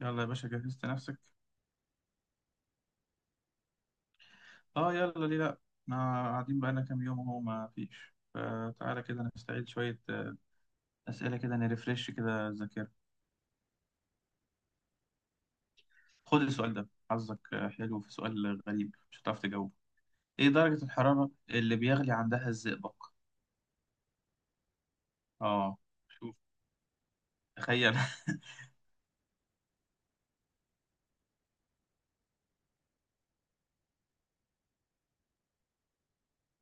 يلا يا باشا، جهزت نفسك؟ اه يلا، ليه لا. احنا قاعدين بقالنا كام يوم اهو ما فيش، فتعالى كده نستعيد شوية أسئلة كده، نرفرش كده الذاكرة. خد السؤال ده حظك. حلو، في سؤال غريب مش هتعرف تجاوبه. ايه درجة الحرارة اللي بيغلي عندها الزئبق؟ اه. شوف، تخيل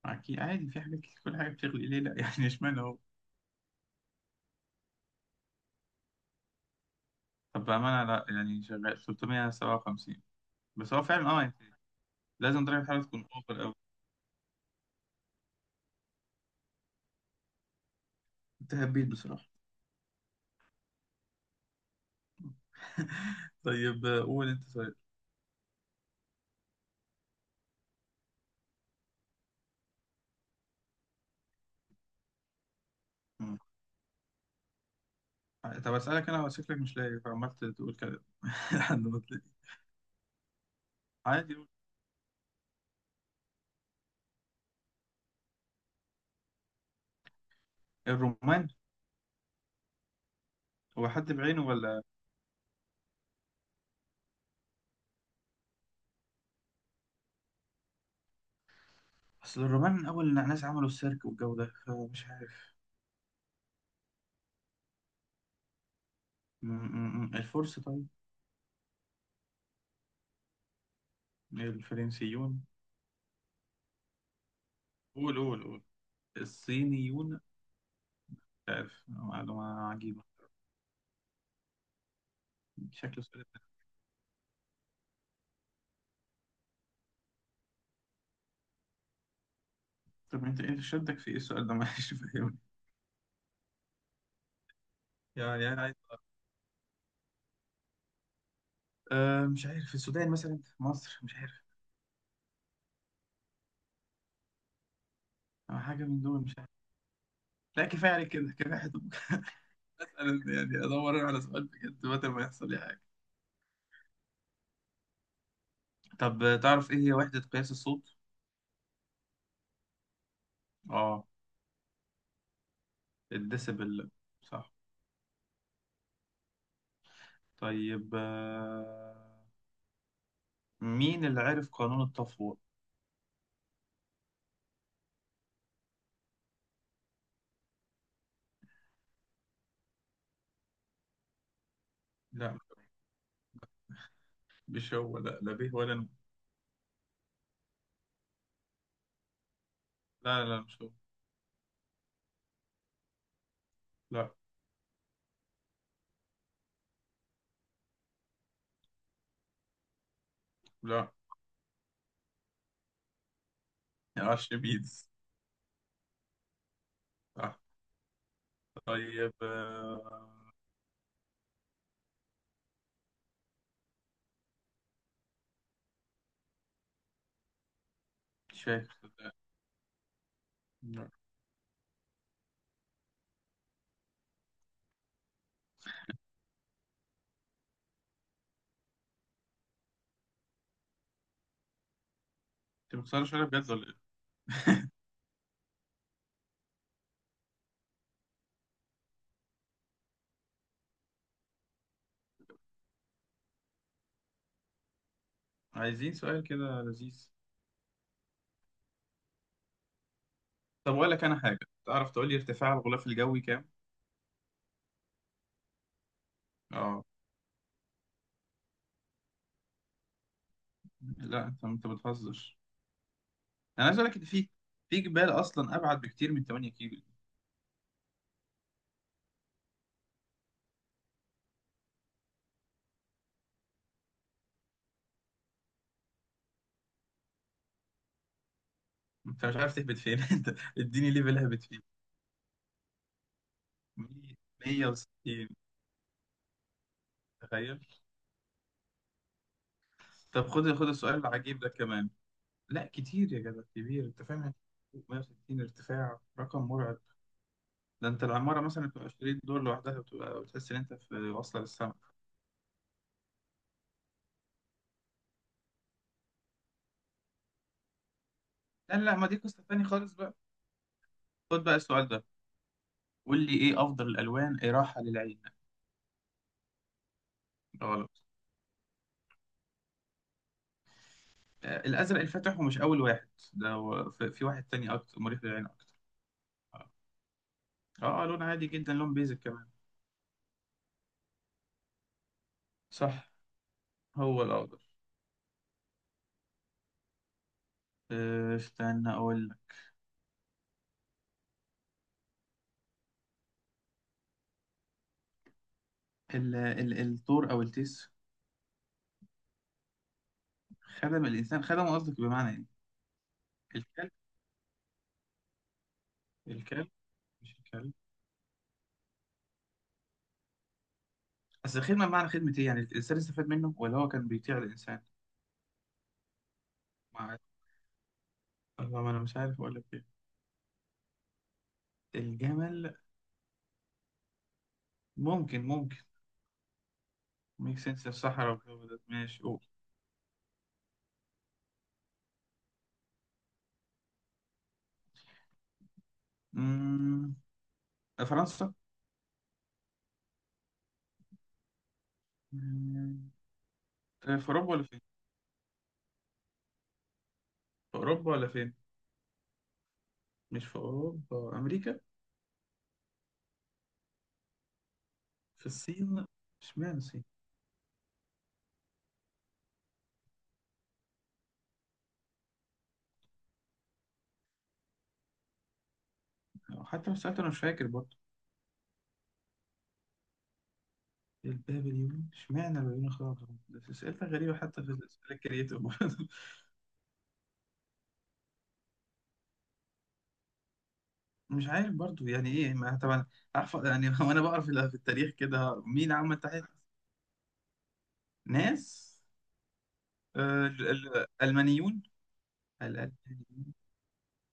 أكيد عادي، في حاجات كتير كل حاجة بتغلي، ليه لأ يعني اشمعنى هو؟ طب بأمانة لأ، يعني شغال 357. بس هو فعلا اه يعني لازم درجة الحرارة تكون أوفر أوي. انت هبيت بصراحة. طيب قول انت طيب. مم. طب اسالك انا؟ شكلك مش لاقي، فعمال تقول كلام لحد ما تلاقي. عادي قول. الرومان. هو حد بعينه ولا؟ اصل الرومان من اول الناس عملوا السيرك والجو ده، فمش عارف. م- م- م. الفرس؟ طيب الفرنسيون. قول قول قول. الصينيون. مش عارف، معلومة عجيبة. شكله سؤال طب انت شدك في ايه السؤال ده معلش فاهمني. يعني انا عايز أعرف. أه مش عارف، السودان مثلا، مصر، مش عارف. أه، حاجة من دول، مش عارف. لا كفايه عليك كده، كفايه حته انا يعني ادور أنا على سؤال بجد متى ما يحصل لي حاجه. طب تعرف ايه هي وحده قياس الصوت؟ اه. الديسبل. صح. طيب، مين اللي عرف قانون التفويض؟ لا مش هو، لا به ولا نو. لا مش هو. لا لا ارشميدس. صح. طيب، مش فاكر صدقني. لا انت بتسألش عليا بجد ولا ايه؟ عايزين سؤال كده لذيذ. طب اقول لك انا حاجه، تعرف تقول لي ارتفاع الغلاف الجوي كام؟ اه. لا انت بتهزر. انا عايز اقول لك ان في جبال اصلا ابعد بكتير من 8 كيلو دي. انت مش عارف تهبط فين انت اديني ليفل هبت فيه. 160، تخيل. طب خد السؤال العجيب ده كمان. لا كتير يا جدع كبير، انت فاهم يعني. 160 ارتفاع رقم مرعب. ده انت العماره مثلا بتبقى 20 دور لوحدها، بتبقى بتحس ان انت في واصله للسما. لا لا، ما دي قصه تانيه خالص بقى. خد بقى السؤال ده، قول لي ايه افضل الالوان اراحه للعين؟ غلط. الازرق الفاتح، ومش اول واحد ده، هو في واحد تاني اكتر مريح للعين اكتر. اه. آه، لون عادي جدا، لون بيزك كمان. صح، هو الاخضر. استنى اقول لك. ال الثور او التيس. خدم الانسان، خدم قصدك بمعنى ايه؟ الكلب. الكلب. مش الكلب؟ اصل الخدمه بمعنى خدمه ايه؟ يعني الانسان استفاد منه، ولا هو كان بيطيع الانسان. مع، الله ما انا مش عارف اقول لك ايه. الجمل. ممكن، ممكن. ميك سنس، الصحراء والجو ده، ماشي قول. مم، فرنسا. آه، في أوروبا ولا فين؟ في أوروبا ولا فين؟ مش في أوروبا، أمريكا. في الصين؟ اشمعنى الصين؟ حتى لو سألت أنا مش فاكر برضه. البابليون؟ اشمعنى البابليون اخترعوا الحروف؟ بس أسئلة غريبة حتى في الأسئلة الكريتيف برضه. مش عارف برضه، يعني إيه؟ ما طبعا عارف يعني وأنا بقرا في التاريخ كده مين عمل تحت، ناس. آه، الألمانيون. الألمانيون.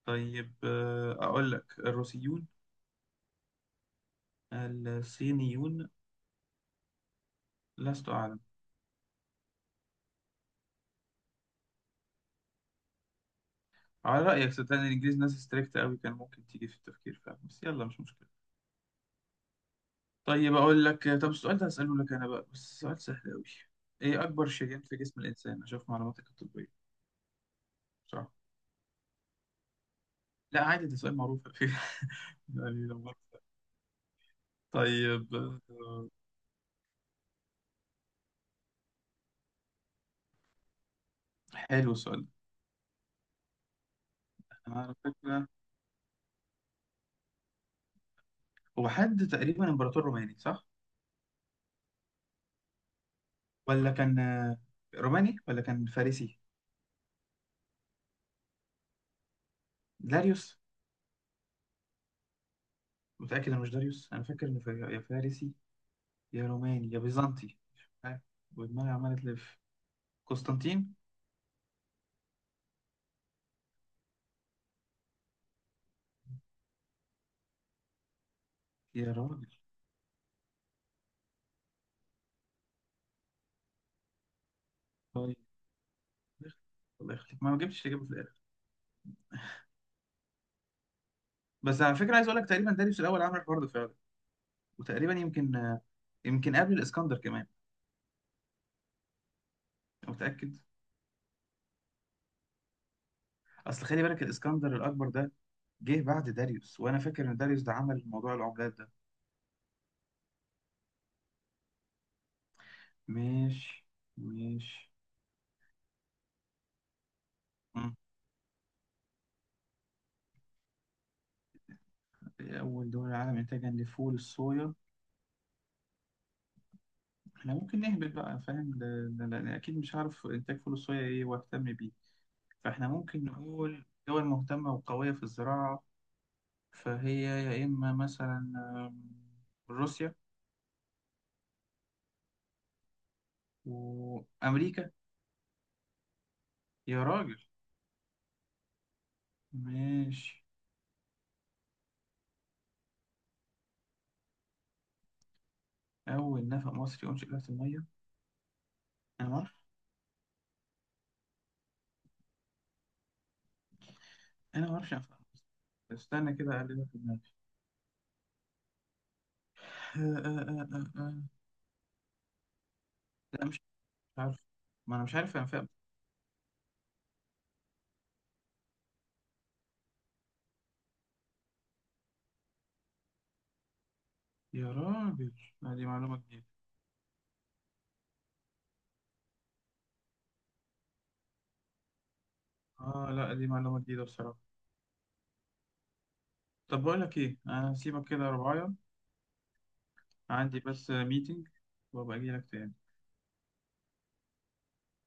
طيب، أقول لك الروسيون. الصينيون. لست أعلم. على رأيك صدقني الإنجليز ناس ستريكت أوي، كان ممكن تيجي في التفكير فعلا، بس يلا مش مشكلة. طيب أقول لك، طب السؤال ده هسأله لك أنا بقى، بس سؤال سهل أوي. إيه أكبر شريان في جسم الإنسان؟ أشوف معلوماتك الطبية. صح. لا عادي ده سؤال معروف على فكرة. يعني لو مرة. طيب، آه، حلو السؤال ده. أنا على فكرة، هو حد تقريبا إمبراطور روماني صح؟ ولا كان روماني ولا كان فارسي؟ داريوس. متأكد إنه مش داريوس؟ أنا فاكر إنه يا فارسي يا روماني يا بيزنطي. ها، ودماغي عمالة تلف. قسطنطين. يا راجل. طيب، الله يخليك، ما جبتش تجيبه في الاخر. بس على فكره عايز اقول لك تقريبا داريوس الاول عمل الحوار ده فعلا. وتقريبا يمكن، يمكن قبل الاسكندر كمان. انا متاكد. اصل خلي بالك الاسكندر الاكبر ده جه بعد داريوس، وانا فاكر ان داريوس ده عمل موضوع العملات ده. مش مش. مم. اول دول العالم انتاجا لفول الصويا. احنا ممكن نهبط بقى فاهم اكيد مش عارف انتاج فول الصويا ايه واهتم بيه. فإحنا ممكن نقول دول مهتمة وقوية في الزراعة. فهي يا إما مثلا، آم، روسيا وأمريكا. يا راجل. ماشي. أول نفق مصري أنشئ تحت المية. أنا معرفش، أنفق مصري؟ استنى كده أقلبها في دماغي. آه. لا مش عارف. ما أنا مش عارف أنفق. يا راجل. لا دي معلومة جديدة. آه لا دي معلومة جديدة بصراحة. طب بقول لك إيه، أنا هسيبك كده يا رباية. عندي بس ميتنج، وأبقى أجيلك تاني.